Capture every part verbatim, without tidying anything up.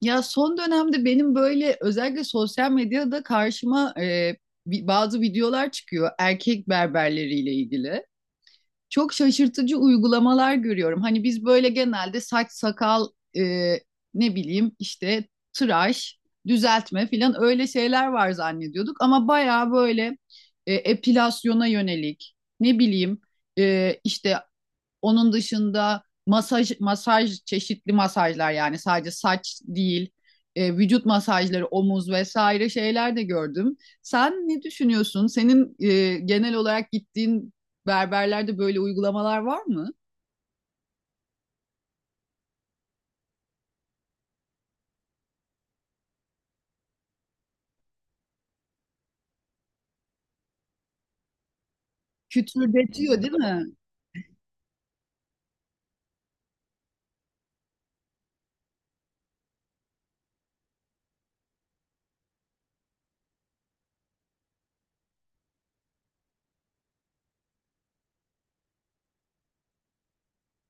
Ya son dönemde benim böyle özellikle sosyal medyada karşıma e, bi- bazı videolar çıkıyor erkek berberleriyle ilgili. Çok şaşırtıcı uygulamalar görüyorum. Hani biz böyle genelde saç sakal e, ne bileyim işte tıraş, düzeltme filan öyle şeyler var zannediyorduk. Ama bayağı böyle e, epilasyona yönelik ne bileyim e, işte onun dışında masaj masaj çeşitli masajlar, yani sadece saç değil, e, vücut masajları, omuz vesaire şeyler de gördüm. Sen ne düşünüyorsun? Senin e, genel olarak gittiğin berberlerde böyle uygulamalar var mı? Kütürdetiyor değil mi?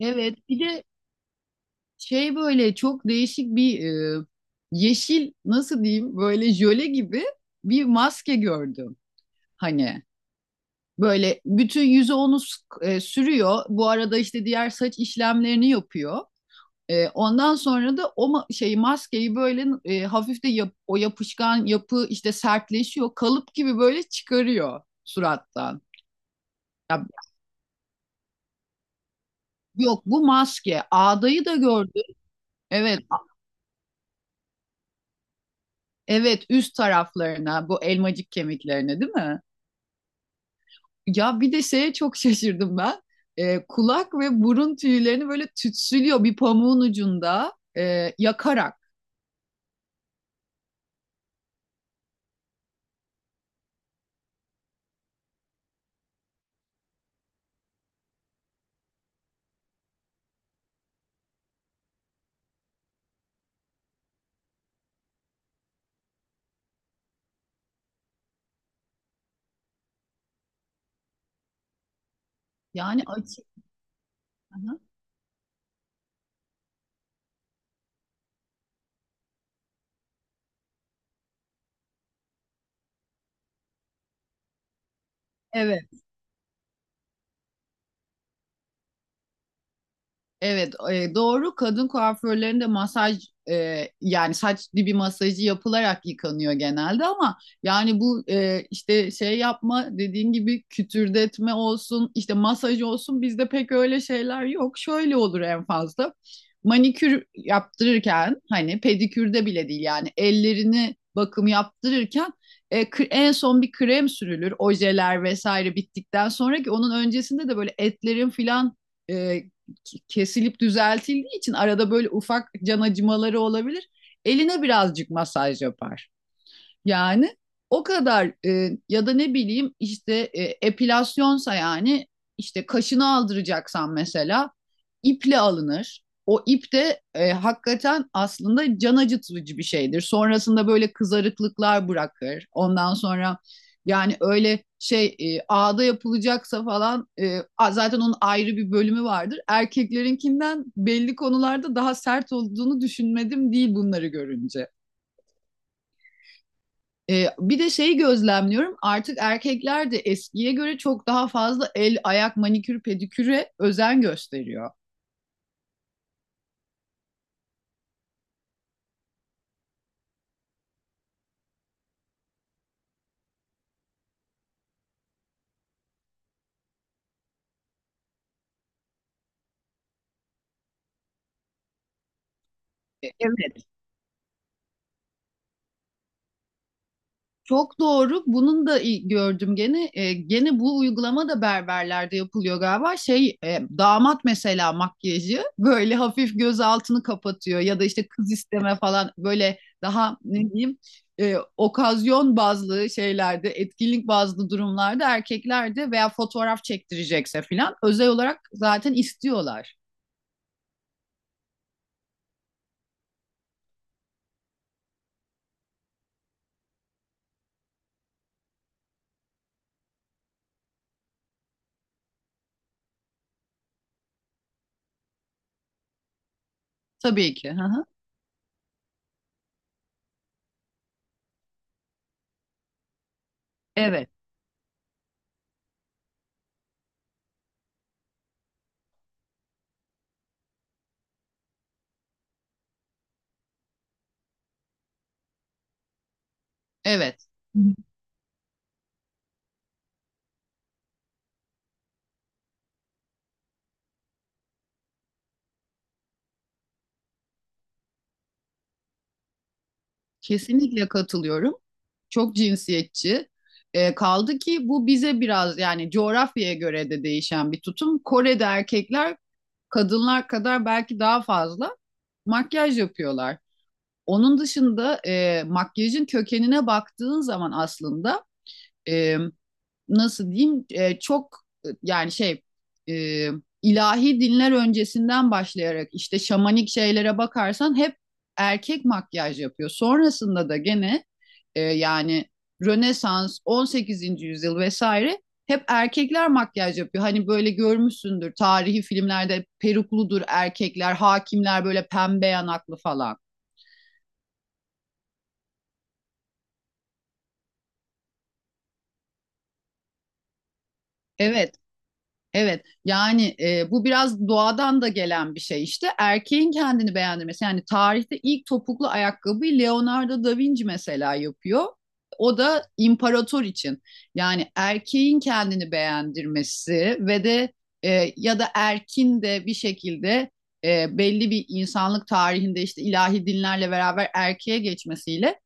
Evet. Bir de şey böyle çok değişik bir, e, yeşil, nasıl diyeyim, böyle jöle gibi bir maske gördüm. Hani böyle bütün yüzü onu e, sürüyor. Bu arada işte diğer saç işlemlerini yapıyor. E, ondan sonra da o ma- şey maskeyi böyle e, hafif de yap- o yapışkan yapı işte sertleşiyor. Kalıp gibi böyle çıkarıyor surattan. Ya, yok, bu maske. Ağdayı da gördüm. Evet, evet, üst taraflarına, bu elmacık kemiklerine, değil mi? Ya bir de şeye çok şaşırdım ben. E, kulak ve burun tüylerini böyle tütsülüyor bir pamuğun ucunda, e, yakarak. Yani açık. Hı. Evet. Evet, e, doğru. Kadın kuaförlerinde masaj, e, yani saç dibi masajı yapılarak yıkanıyor genelde, ama yani bu e, işte şey yapma, dediğin gibi kütürdetme olsun, işte masaj olsun, bizde pek öyle şeyler yok. Şöyle olur en fazla. Manikür yaptırırken, hani pedikürde bile değil, yani ellerini bakım yaptırırken e, kre- en son bir krem sürülür. Ojeler vesaire bittikten sonra, ki onun öncesinde de böyle etlerin filan e, kesilip düzeltildiği için arada böyle ufak can acımaları olabilir. Eline birazcık masaj yapar. Yani o kadar. E, ya da ne bileyim işte, e, epilasyonsa, yani işte kaşını aldıracaksan mesela iple alınır. O ip de e, hakikaten aslında can acıtıcı bir şeydir. Sonrasında böyle kızarıklıklar bırakır. Ondan sonra yani öyle şey, e, ağda yapılacaksa falan, e, zaten onun ayrı bir bölümü vardır. Erkeklerinkinden belli konularda daha sert olduğunu düşünmedim değil bunları görünce. Ee, bir de şeyi gözlemliyorum, artık erkekler de eskiye göre çok daha fazla el, ayak, manikür, pediküre özen gösteriyor. E, Evet. Çok doğru. Bunun da i- gördüm gene. E, gene bu uygulama da berberlerde yapılıyor galiba. Şey, e, damat mesela, makyajı böyle hafif göz altını kapatıyor, ya da işte kız isteme falan, böyle daha ne diyeyim, e, okazyon bazlı şeylerde, etkinlik bazlı durumlarda erkeklerde, veya fotoğraf çektirecekse falan, özel olarak zaten istiyorlar. Tabii ki. Hı hı. Evet. Evet. Kesinlikle katılıyorum. Çok cinsiyetçi. E, kaldı ki bu bize biraz, yani coğrafyaya göre de değişen bir tutum. Kore'de erkekler, kadınlar kadar, belki daha fazla makyaj yapıyorlar. Onun dışında e, makyajın kökenine baktığın zaman, aslında e, nasıl diyeyim, e, çok e, yani şey e, ilahi dinler öncesinden başlayarak işte şamanik şeylere bakarsan hep erkek makyaj yapıyor. Sonrasında da gene e, yani Rönesans, on sekizinci yüzyıl vesaire hep erkekler makyaj yapıyor. Hani böyle görmüşsündür, tarihi filmlerde perukludur erkekler, hakimler böyle pembe yanaklı falan. Evet. Evet, yani e, bu biraz doğadan da gelen bir şey, işte erkeğin kendini beğendirmesi. Yani tarihte ilk topuklu ayakkabıyı Leonardo da Vinci mesela yapıyor, o da imparator için. Yani erkeğin kendini beğendirmesi ve de e, ya da erkin de bir şekilde e, belli bir insanlık tarihinde, işte ilahi dinlerle beraber erkeğe geçmesiyle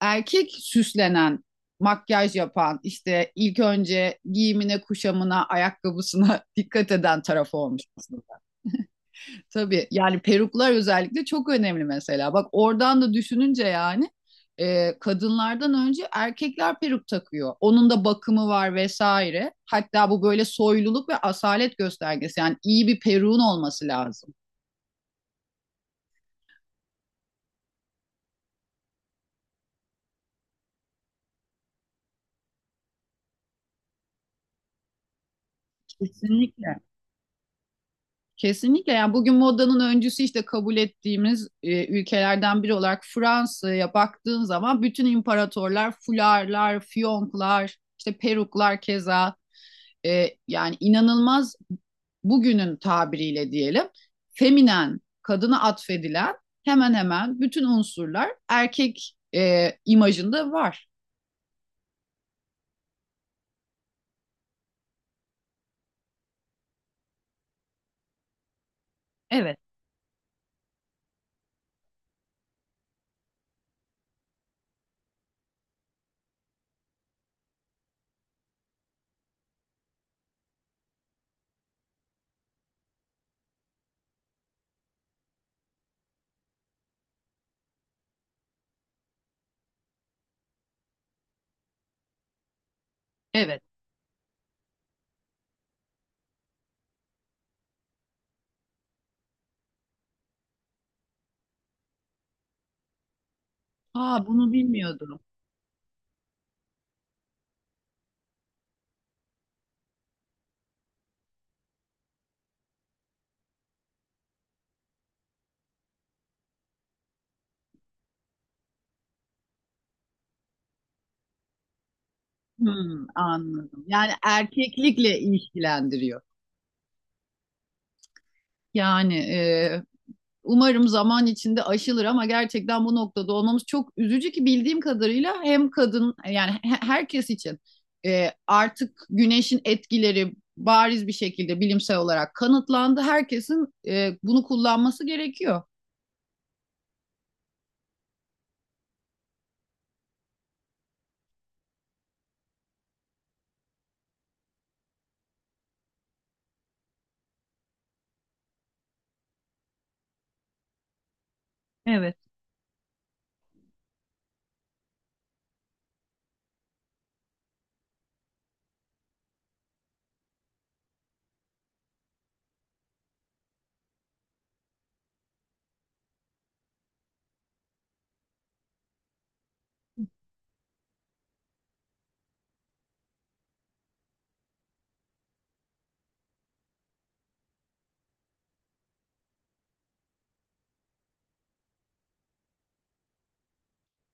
erkek süslenen, makyaj yapan, işte ilk önce giyimine, kuşamına, ayakkabısına dikkat eden taraf olmuş aslında. Tabii, yani peruklar özellikle çok önemli mesela. Bak oradan da düşününce, yani e, kadınlardan önce erkekler peruk takıyor. Onun da bakımı var vesaire. Hatta bu böyle soyluluk ve asalet göstergesi. Yani iyi bir peruğun olması lazım. Kesinlikle. Kesinlikle, yani bugün modanın öncüsü işte kabul ettiğimiz e, ülkelerden biri olarak Fransa'ya baktığın zaman, bütün imparatorlar fularlar, fiyonklar, işte peruklar, keza e, yani inanılmaz, bugünün tabiriyle diyelim feminen, kadına atfedilen hemen hemen bütün unsurlar erkek e, imajında var. Evet, evet. Aa, bunu bilmiyordum. Hmm, anladım. Yani erkeklikle ilişkilendiriyor. Yani e, umarım zaman içinde aşılır, ama gerçekten bu noktada olmamız çok üzücü, ki bildiğim kadarıyla hem kadın, yani herkes için, e, artık güneşin etkileri bariz bir şekilde bilimsel olarak kanıtlandı. Herkesin e, bunu kullanması gerekiyor. Evet.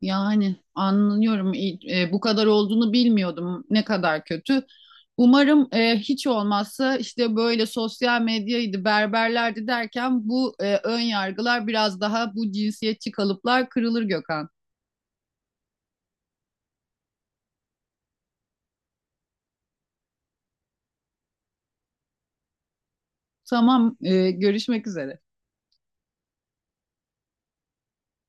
Yani anlıyorum. E, bu kadar olduğunu bilmiyordum. Ne kadar kötü. Umarım e, hiç olmazsa, işte böyle sosyal medyaydı, berberlerdi derken, bu e, ön yargılar, biraz daha bu cinsiyetçi kalıplar kırılır Gökhan. Tamam, e, görüşmek üzere.